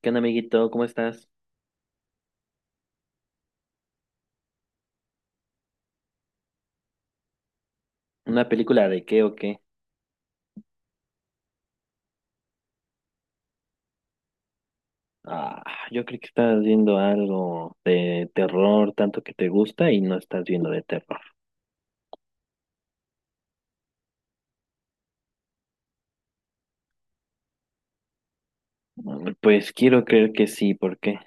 ¿Qué onda, amiguito? ¿Cómo estás? ¿Una película de qué o qué? Ah, yo creo que estás viendo algo de terror, tanto que te gusta y no estás viendo de terror. Pues quiero creer que sí, ¿por qué?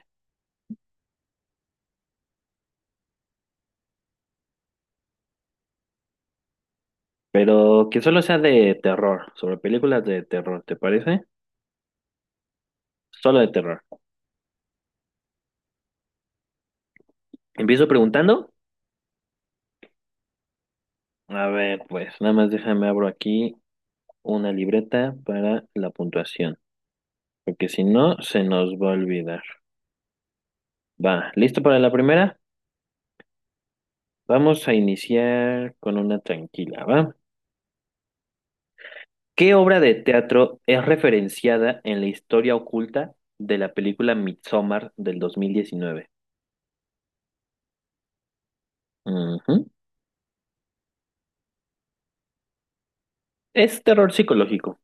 Pero que solo sea de terror, sobre películas de terror, ¿te parece? Solo de terror. ¿Empiezo preguntando? A ver, pues nada más déjame abro aquí una libreta para la puntuación, porque si no, se nos va a olvidar. Va, ¿listo para la primera? Vamos a iniciar con una tranquila, ¿va? ¿Qué obra de teatro es referenciada en la historia oculta de la película Midsommar del 2019? Ujú. Es terror psicológico.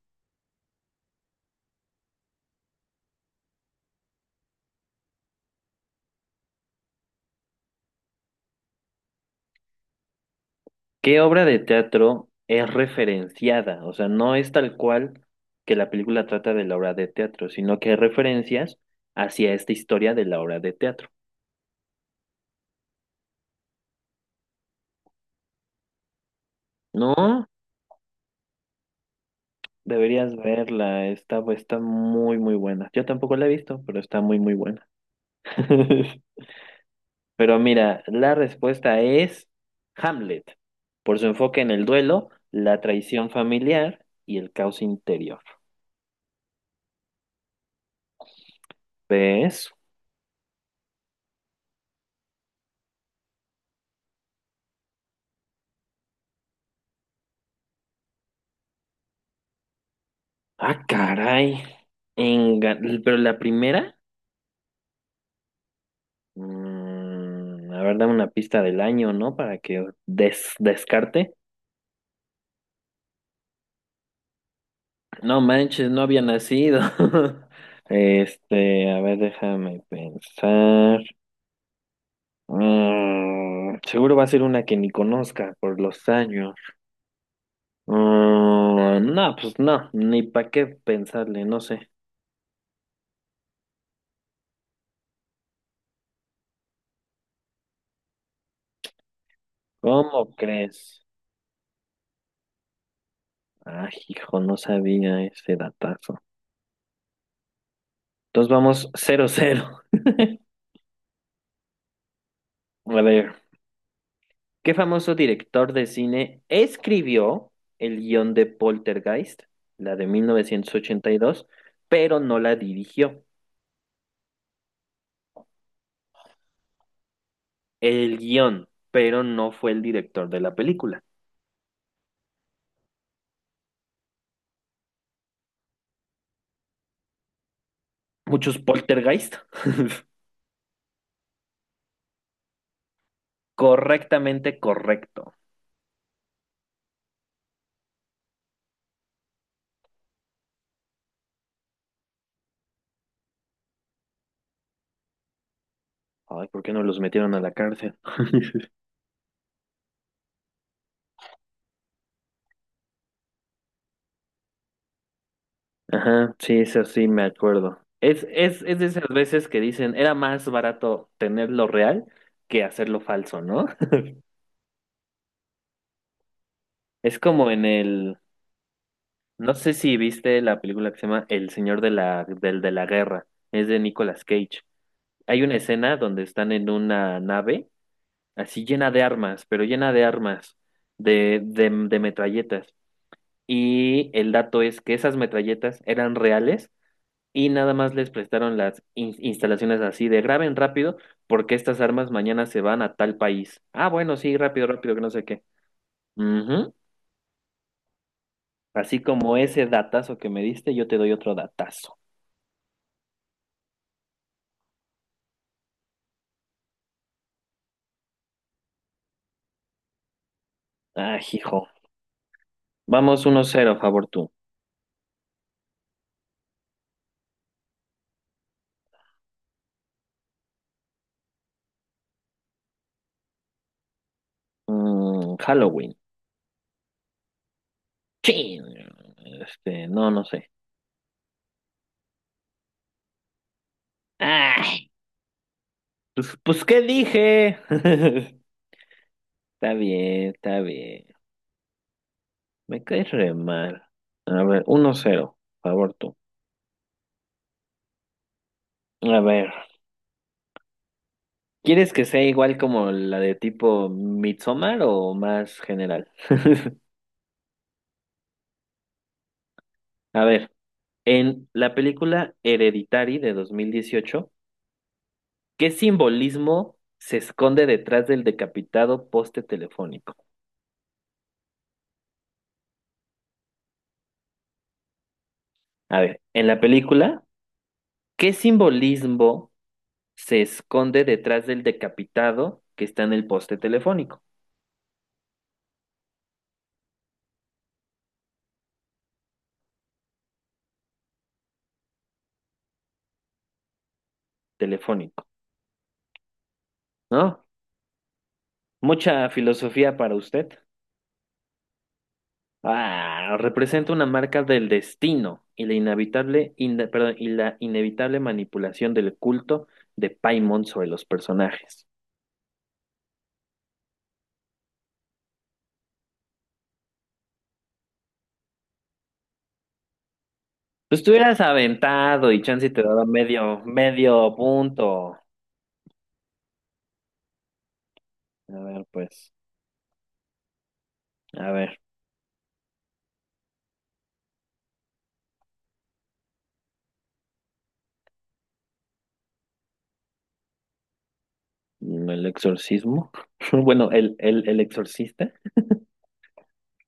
¿Qué obra de teatro es referenciada? O sea, no es tal cual que la película trata de la obra de teatro, sino que hay referencias hacia esta historia de la obra de teatro. No, deberías verla, está muy, muy buena. Yo tampoco la he visto, pero está muy, muy buena. Pero mira, la respuesta es Hamlet, por su enfoque en el duelo, la traición familiar y el caos interior. ¿Ves? Ah, caray. Enga- Pero la primera, a ver, dame una pista del año, ¿no? Para que descarte. No manches, no había nacido. Este, a ver, déjame pensar. Seguro va a ser una que ni conozca por los años. No, pues no, ni para qué pensarle, no sé. ¿Cómo crees? Ay, hijo, no sabía ese datazo. Entonces vamos cero cero. A ver, ¿qué famoso director de cine escribió el guión de Poltergeist, la de 1982 pero no la dirigió? El guión, pero no fue el director de la película. Muchos Poltergeist. Correctamente correcto. Ay, ¿por qué no los metieron a la cárcel? Ajá, sí, eso sí me acuerdo. Es de esas veces que dicen, era más barato tenerlo real que hacerlo falso, ¿no? Es como en el, no sé si viste la película que se llama El Señor de la Guerra, es de Nicolas Cage. Hay una escena donde están en una nave así llena de armas, pero llena de armas, de metralletas. Y el dato es que esas metralletas eran reales y nada más les prestaron las instalaciones así de graben rápido porque estas armas mañana se van a tal país. Ah, bueno, sí, rápido, rápido, que no sé qué. Ujú. Así como ese datazo que me diste, yo te doy otro datazo. Ah, hijo. Vamos uno cero favor tú. Halloween. Chin. Este, no, no sé. Ay, pues, ¿qué dije? Está bien, está bien. Me caes re mal. A ver, uno cero favor tú. A ver. ¿Quieres que sea igual como la de tipo Midsommar o más general? A ver, en la película Hereditary de 2018, ¿qué simbolismo se esconde detrás del decapitado poste telefónico? A ver, en la película, ¿qué simbolismo se esconde detrás del decapitado que está en el poste telefónico? Telefónico, ¿no? Mucha filosofía para usted. Ah, representa una marca del destino y la inevitable, perdón, y la inevitable manipulación del culto de Paimon sobre los personajes. Pues tú hubieras aventado y chance te daba medio, medio punto. A ver, pues, a ver, el exorcismo. Bueno, el exorcista.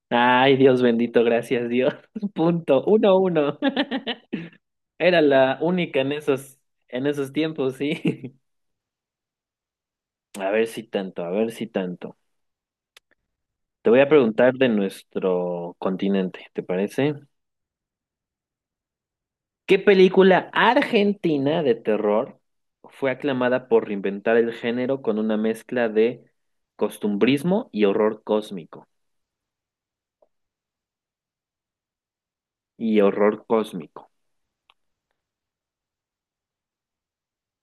Ay, Dios bendito, gracias Dios. Punto, uno, uno. Era la única en esos tiempos, sí. A ver si tanto, a ver si tanto. Te voy a preguntar de nuestro continente, ¿te parece? ¿Qué película argentina de terror fue aclamada por reinventar el género con una mezcla de costumbrismo y horror cósmico? Y horror cósmico.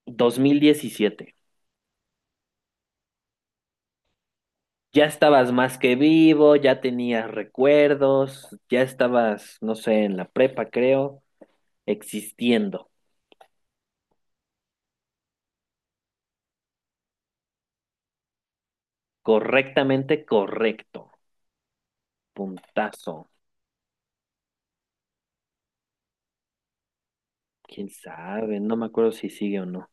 2017. Ya estabas más que vivo, ya tenías recuerdos, ya estabas, no sé, en la prepa, creo, existiendo. Correctamente correcto. Puntazo. ¿Quién sabe? No me acuerdo si sigue o no.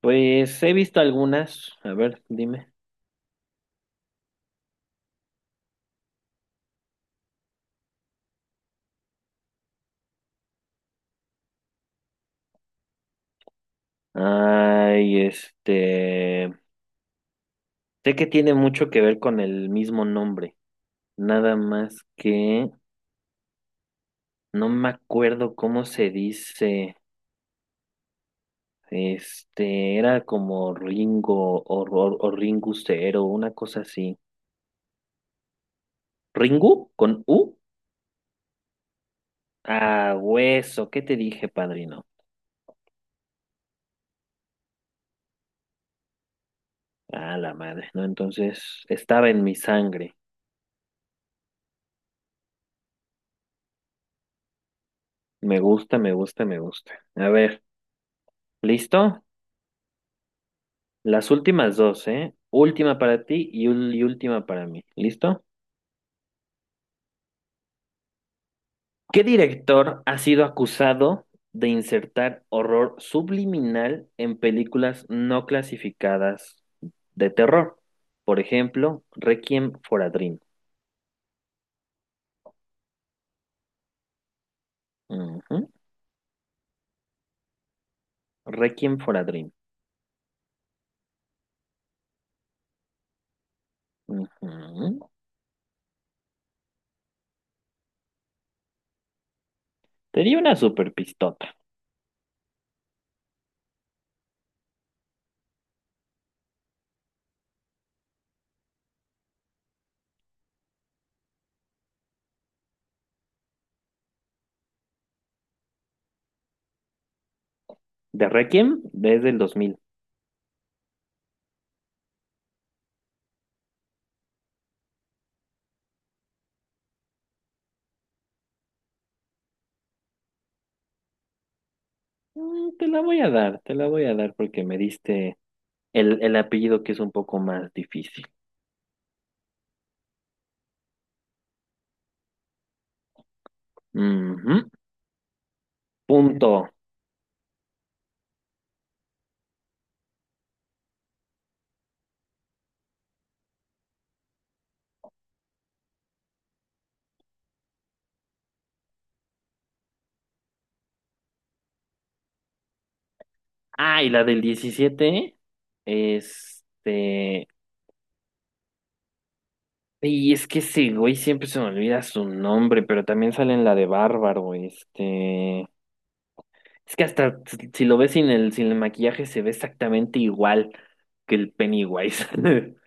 Pues he visto algunas, a ver, dime. Ay, este, sé que tiene mucho que ver con el mismo nombre, nada más que no me acuerdo cómo se dice. Este, era como Ringo o Ringu Cero, una cosa así. ¿Ringu? ¿Con U? Ah, hueso, ¿qué te dije, padrino? Ah, la madre, ¿no? Entonces, estaba en mi sangre. Me gusta, me gusta, me gusta. A ver, ¿listo? Las últimas dos, ¿eh? Última para ti y última para mí. ¿Listo? ¿Qué director ha sido acusado de insertar horror subliminal en películas no clasificadas de terror? Por ejemplo, Requiem for a Dream. Ujú. Requiem for a Dream. Ujú. Te di una super pistota. De Requiem desde el 2000. Te la voy a dar, te la voy a dar porque me diste el apellido que es un poco más difícil. Ujú. Punto. Ah, y la del 17 este... Y es que ese güey siempre se me olvida su nombre, pero también sale en la de Bárbaro. Es que hasta si lo ves sin el maquillaje se ve exactamente igual que el Pennywise.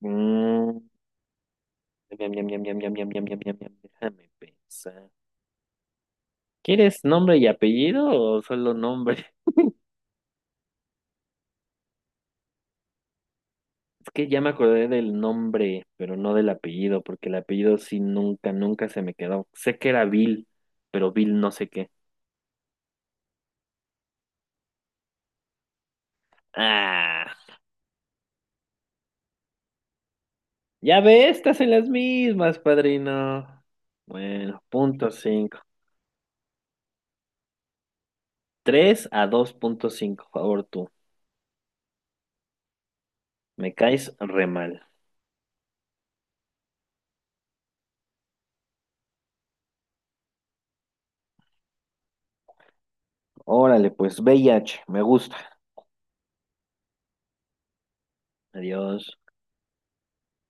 Mm, miam, miam, miam, miam, miam, miam, miam, miam, miam, miam. Déjame pensar. ¿Quieres nombre y apellido o solo nombre? Es que ya me acordé del nombre, pero no del apellido, porque el apellido sí nunca, nunca se me quedó. Sé que era Bill, pero Bill no sé qué. Ah, ya ve, estas en las mismas, padrino. Bueno, punto cinco. Tres a dos punto cinco, favor tú. Me caes re mal. Órale, pues, VIH. Me gusta. Adiós.